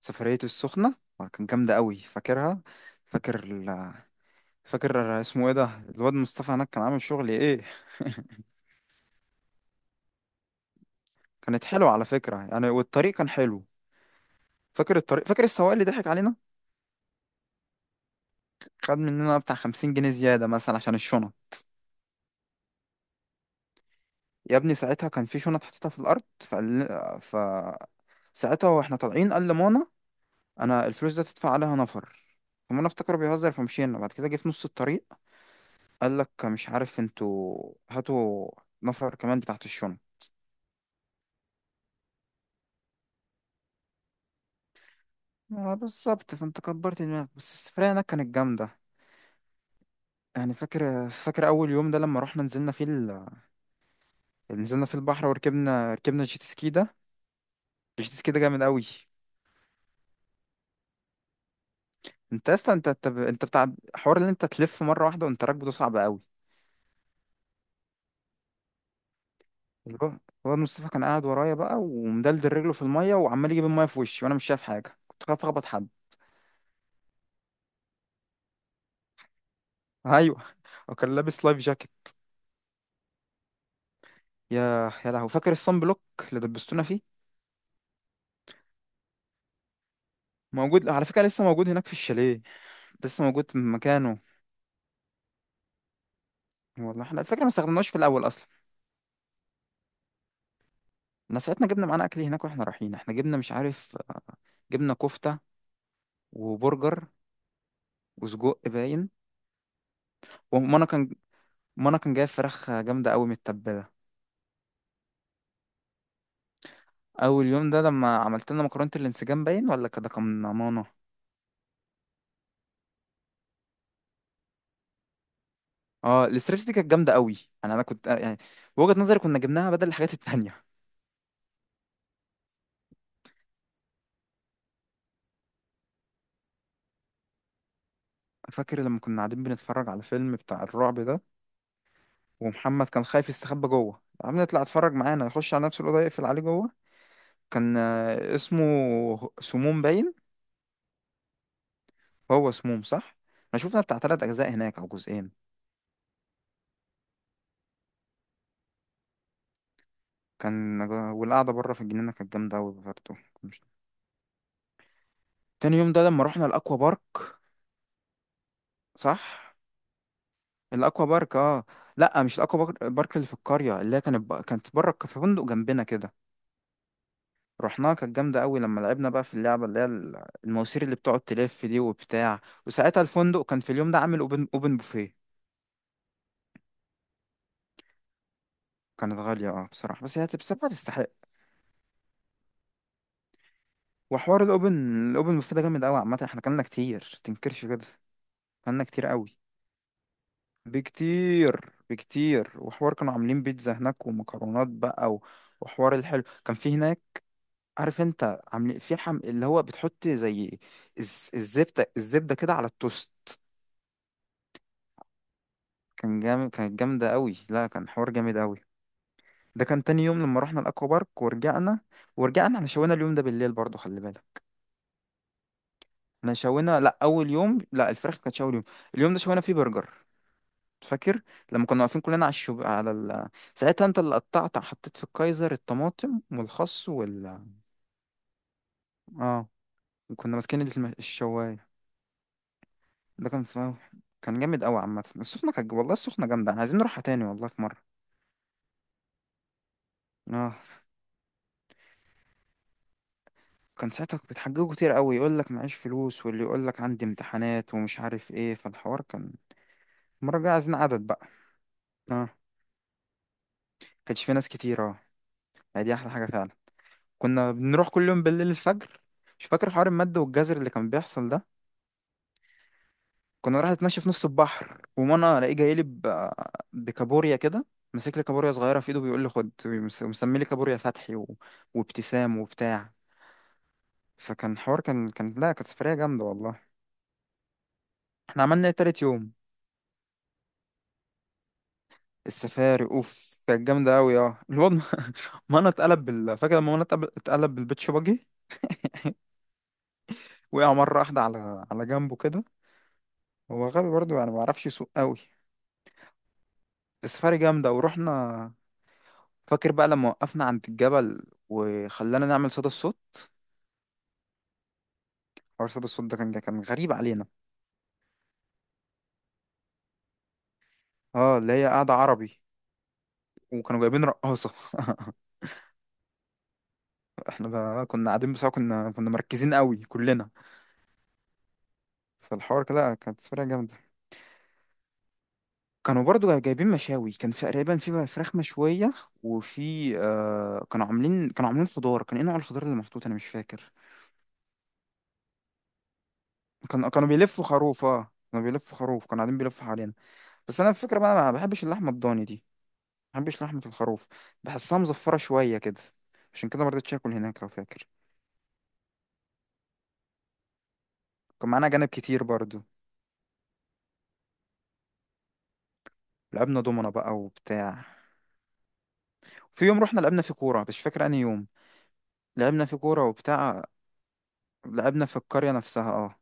سفرية السخنة. آه، كان جامدة قوي فاكرها. فاكر ال... فاكر اسمه ايه ده الواد مصطفى هناك، كان عامل شغل ايه؟ كانت حلوة على فكرة يعني، والطريق كان حلو. فاكر الطريق، فاكر السواق اللي ضحك علينا. خد مننا بتاع 50 جنيه زيادة مثلا عشان الشنط. يا ابني ساعتها كان في شنط حطيتها في الأرض، فقال، ف ساعتها واحنا طالعين قال لمانا: انا الفلوس ده تدفع عليها نفر. فمانا افتكره بيهزر، فمشينا، بعد كده جه في نص الطريق قال لك: مش عارف انتوا، هاتوا نفر كمان بتاعت الشنط. اه بالظبط، فانت كبرت دماغك، بس السفرية هناك كانت جامدة. يعني فاكر أول يوم ده لما رحنا نزلنا فيه نزلنا في البحر، وركبنا جيت سكي ده. الجيت سكي ده جامد أوي. انت اصلا انت بتاع حوار اللي انت تلف مرة واحدة وانت راكبه، ده صعب أوي. اللي هو الواد مصطفى كان قاعد ورايا بقى، ومدلدل رجله في المية، وعمال يجيب المية في وشي وانا مش شايف حاجة، كنت خايف اخبط حد. ايوه وكان لابس لايف جاكيت. يا لهوي، فاكر الصن بلوك اللي دبستونا فيه؟ موجود على فكرة، لسه موجود هناك في الشاليه، لسه موجود في مكانه. والله احنا الفكرة ما استخدمناهوش في الأول أصلا. احنا ساعتنا جبنا معانا أكل هناك، واحنا رايحين احنا جبنا مش عارف، جبنا كفتة وبرجر وسجق باين. ومانا كان مانا كان جايب فراخ جامدة أوي متبلة. أول يوم ده لما عملت لنا مكرونة الانسجام باين ولا كده كان مانا. اه، الستريبس دي كانت جامدة أوي. يعني أنا كنت يعني بوجهة نظري كنا جبناها بدل الحاجات التانية. فاكر لما كنا قاعدين بنتفرج على فيلم بتاع الرعب ده، ومحمد كان خايف يستخبى جوه، عم نطلع اتفرج معانا يخش على نفس الأوضة يقفل عليه جوه. كان اسمه سموم باين. هو سموم صح. انا شفنا بتاع 3 اجزاء هناك او جزئين. كان، والقعده بره في الجنينه كانت جامده قوي برضه. مش- تاني يوم ده لما رحنا الاكوا بارك. صح، الاكوا بارك اه. لا مش الاكوا بارك، بارك اللي في القريه اللي هي كانت بره في فندق جنبنا كده. رحناها كانت جامده قوي لما لعبنا بقى في اللعبه اللي هي المواسير اللي بتقعد تلف دي وبتاع. وساعتها الفندق كان في اليوم ده عامل اوبن بوفيه. كانت غاليه اه بصراحه، بس هي بصراحه تستحق. وحوار الاوبن بوفيه ده جامد قوي، عامه احنا كلنا كتير تنكرش كده، كلنا كتير قوي. بكتير بكتير. وحوار كانوا عاملين بيتزا هناك ومكرونات بقى و... وحوار الحلو كان في هناك. عارف انت عاملين في اللي هو بتحط زي الزبده كده على التوست. كان جامد، كانت جامده قوي، لا كان حوار جامد قوي. ده كان تاني يوم لما رحنا الاكوا بارك ورجعنا. ورجعنا احنا شوينا اليوم ده بالليل برضو، خلي بالك. احنا شوينا، لا اول يوم لا، الفراخ كانت شوي اليوم ده شوينا فيه برجر. فاكر لما كنا واقفين كلنا على الشوب على ساعتها انت اللي قطعت حطيت في الكايزر الطماطم والخس وال... اه. وكنا ماسكين الشوايه. ده كان في... كان جامد قوي عامه. السخنه كانت، والله السخنه جامده، احنا عايزين نروحها تاني والله في مره. اه، كان ساعتها بتحججوا كتير قوي، يقول لك معيش فلوس، واللي يقول لك عندي امتحانات ومش عارف ايه، فالحوار كان. المره الجايه عايزين عدد بقى. اه، كانش في ناس كتير اه، يعني دي احلى حاجه فعلا. كنا بنروح كل يوم بالليل الفجر. مش فاكر حوار المادة والجزر اللي كان بيحصل ده؟ كنا رايح اتمشى في نص البحر، ومانا الاقيه جاي لي بكابوريا كده، ماسك لي كابوريا صغيره في ايده بيقول لي خد، ومسمي لي كابوريا فتحي و... وابتسام وبتاع. فكان حوار، كان كان لا كانت سفريه جامده والله. احنا عملنا ايه تالت يوم؟ السفاري اوف كانت جامده قوي. اه الواد مانا اتقلب فاكر لما مانا اتقلب بالبيت شباجي؟ وقع مره واحده على جنبه كده. هو غبي برضه يعني، ما بيعرفش يسوق قوي. السفاري جامده ورحنا. فاكر بقى لما وقفنا عند الجبل وخلانا نعمل صدى الصوت؟ حوار صدى الصوت ده كان غريب علينا. اه، اللي هي قاعدة عربي. وكانوا جايبين رقاصة احنا بقى كنا قاعدين، بس كنا مركزين قوي كلنا. فالحوار كده كانت سفرية جامدة. كانوا برضو جايبين مشاوي، كان في تقريبا في فراخ مشوية، وفي كانوا عاملين، كانوا عاملين خضار. كان ايه نوع الخضار اللي محطوط، انا مش فاكر. كان، كانوا بيلفوا خروف اه، كانوا بيلفوا خروف، كانوا قاعدين بيلفوا حوالينا. بس انا الفكرة بقى ما بحبش اللحمة الضاني دي، ما بحبش لحمة الخروف، بحسها مزفرة شوية كده، عشان كده ما رضيتش اكل هناك لو فاكر. كان معانا أجانب كتير برضو. لعبنا دومنا بقى وبتاع. في يوم رحنا لعبنا في كورة، مش فاكر أنهي يوم. لعبنا في كورة وبتاع. لعبنا في القرية نفسها اه.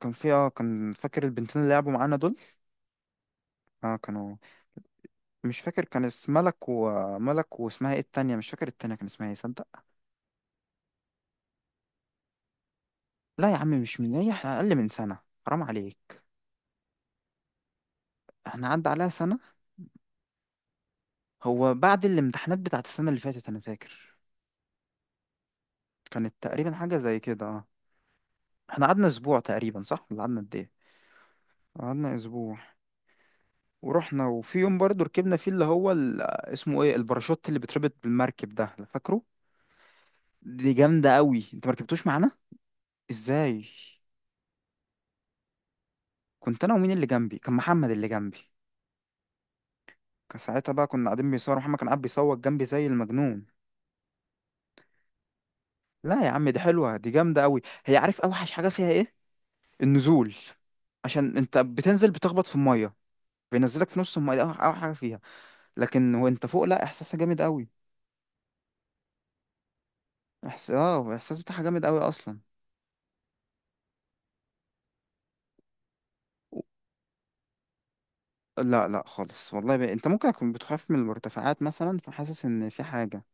كان في اه، فاكر البنتين اللي لعبوا معانا دول؟ اه كانوا... مش فاكر، كان اسم ملك، وملك واسمها ايه التانية مش فاكر، التانية كان اسمها ايه صدق. لا يا عم مش من ايه، احنا أقل من سنة، حرام عليك. احنا عدى عليها سنة، هو بعد الامتحانات بتاعت السنة اللي فاتت أنا فاكر. كانت تقريبا حاجة زي كده اه. احنا قعدنا أسبوع تقريبا صح ولا قعدنا قد ايه؟ قعدنا أسبوع ورحنا. وفي يوم برضه ركبنا فيه اللي هو اسمه ايه الباراشوت اللي بيتربط بالمركب ده، فاكره؟ دي جامده قوي، انت ما ركبتوش معانا. ازاي؟ كنت انا ومين اللي جنبي؟ كان محمد اللي جنبي. كان ساعتها بقى كنا قاعدين بيصور، محمد كان قاعد بيصوت جنبي زي المجنون. لا يا عم دي حلوه، دي جامده قوي. هي عارف اوحش حاجه فيها ايه؟ النزول، عشان انت بتنزل بتخبط في الميه، بينزلك في نص الميه دي، اوحش أوحش حاجه فيها. لكن وانت فوق لا، احساسها جامد قوي. احس الاحساس بتاعها جامد قوي اصلا. لا لا خالص والله. انت ممكن اكون بتخاف من المرتفعات مثلا، فحاسس ان في حاجه.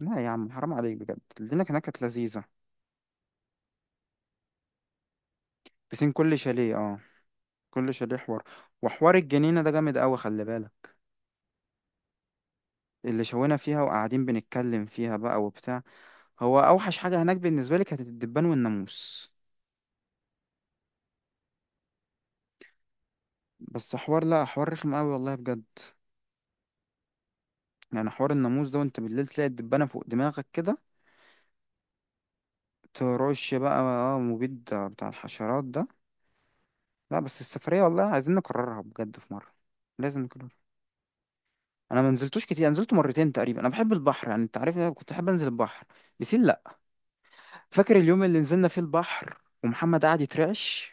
لا يا عم حرام عليك بجد، الليله هناك كانت لذيذه. بسين، كل شاليه اه، كل شاليه حوار. وحوار الجنينه ده جامد قوي، خلي بالك. اللي شوينا فيها وقاعدين بنتكلم فيها بقى وبتاع. هو اوحش حاجه هناك بالنسبه لي كانت الدبان والناموس. بس حوار، لا حوار رخم قوي والله بجد. يعني حوار الناموس ده وانت بالليل تلاقي الدبانه فوق دماغك كده. ترش بقى اه مبيد بتاع الحشرات ده. لا بس السفرية والله عايزين نكررها بجد في مرة. لازم نكررها. انا ما نزلتوش كتير، انا نزلت مرتين تقريبا، انا بحب البحر، يعني انت عارف إن انا كنت احب انزل البحر. بسين لا. فاكر اليوم اللي نزلنا فيه البحر ومحمد قعد يترعش؟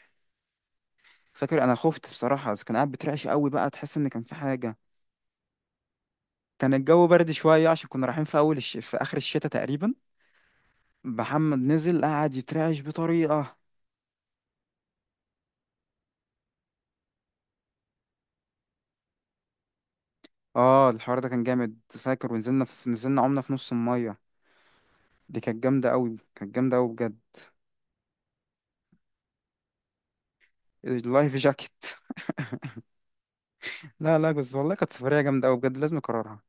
فاكر انا خفت بصراحة، بس كان قاعد بيترعش قوي بقى، تحس ان كان في حاجة. كان الجو برد شوية عشان كنا رايحين في اول في اخر الشتاء تقريبا. محمد نزل قعد يترعش بطريقة. اه الحوار ده كان جامد. فاكر ونزلنا في... نزلنا عمنا في نص المية. دي كانت جامدة قوي، كانت جامدة قوي بجد. اللايف جاكيت. لا لا، بس والله كانت سفرية جامدة أوي بجد، لازم نكررها.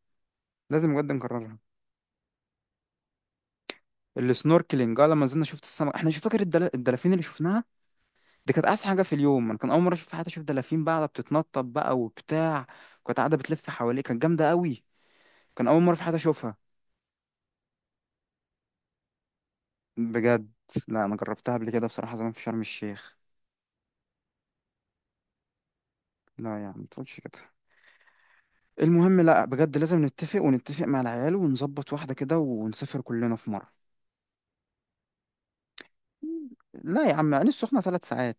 لازم بجد نكررها. السنوركلينج اه، لما نزلنا شفت السمك. احنا شوف، فاكر الدلافين اللي شفناها؟ دي كانت أحسن حاجة في اليوم. أنا كان أول مرة أشوف في حياتي، أشوف دلافين بقى قاعدة بتتنطط بقى وبتاع، كانت قاعدة بتلف حواليه، كانت جامدة أوي. كان أول مرة في حياتي أشوفها بجد. لا أنا جربتها قبل كده بصراحة زمان في شرم الشيخ. لا يا عم ما تقولش كده. المهم لا بجد، لازم نتفق مع العيال ونظبط واحدة كده ونسافر كلنا في مرة. لا يا عم، عين السخنة 3 ساعات.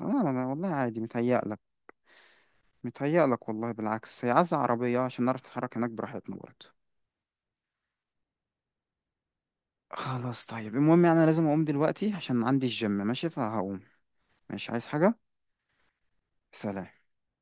لا لا لا، والله عادي متهيألك. متهيألك والله، بالعكس هي عايزة عربية عشان نعرف نتحرك هناك براحتنا برضه. خلاص طيب، المهم يعني أنا لازم أقوم دلوقتي عشان عندي الجيم ماشي فهقوم. ماشي، عايز حاجة؟ سلام.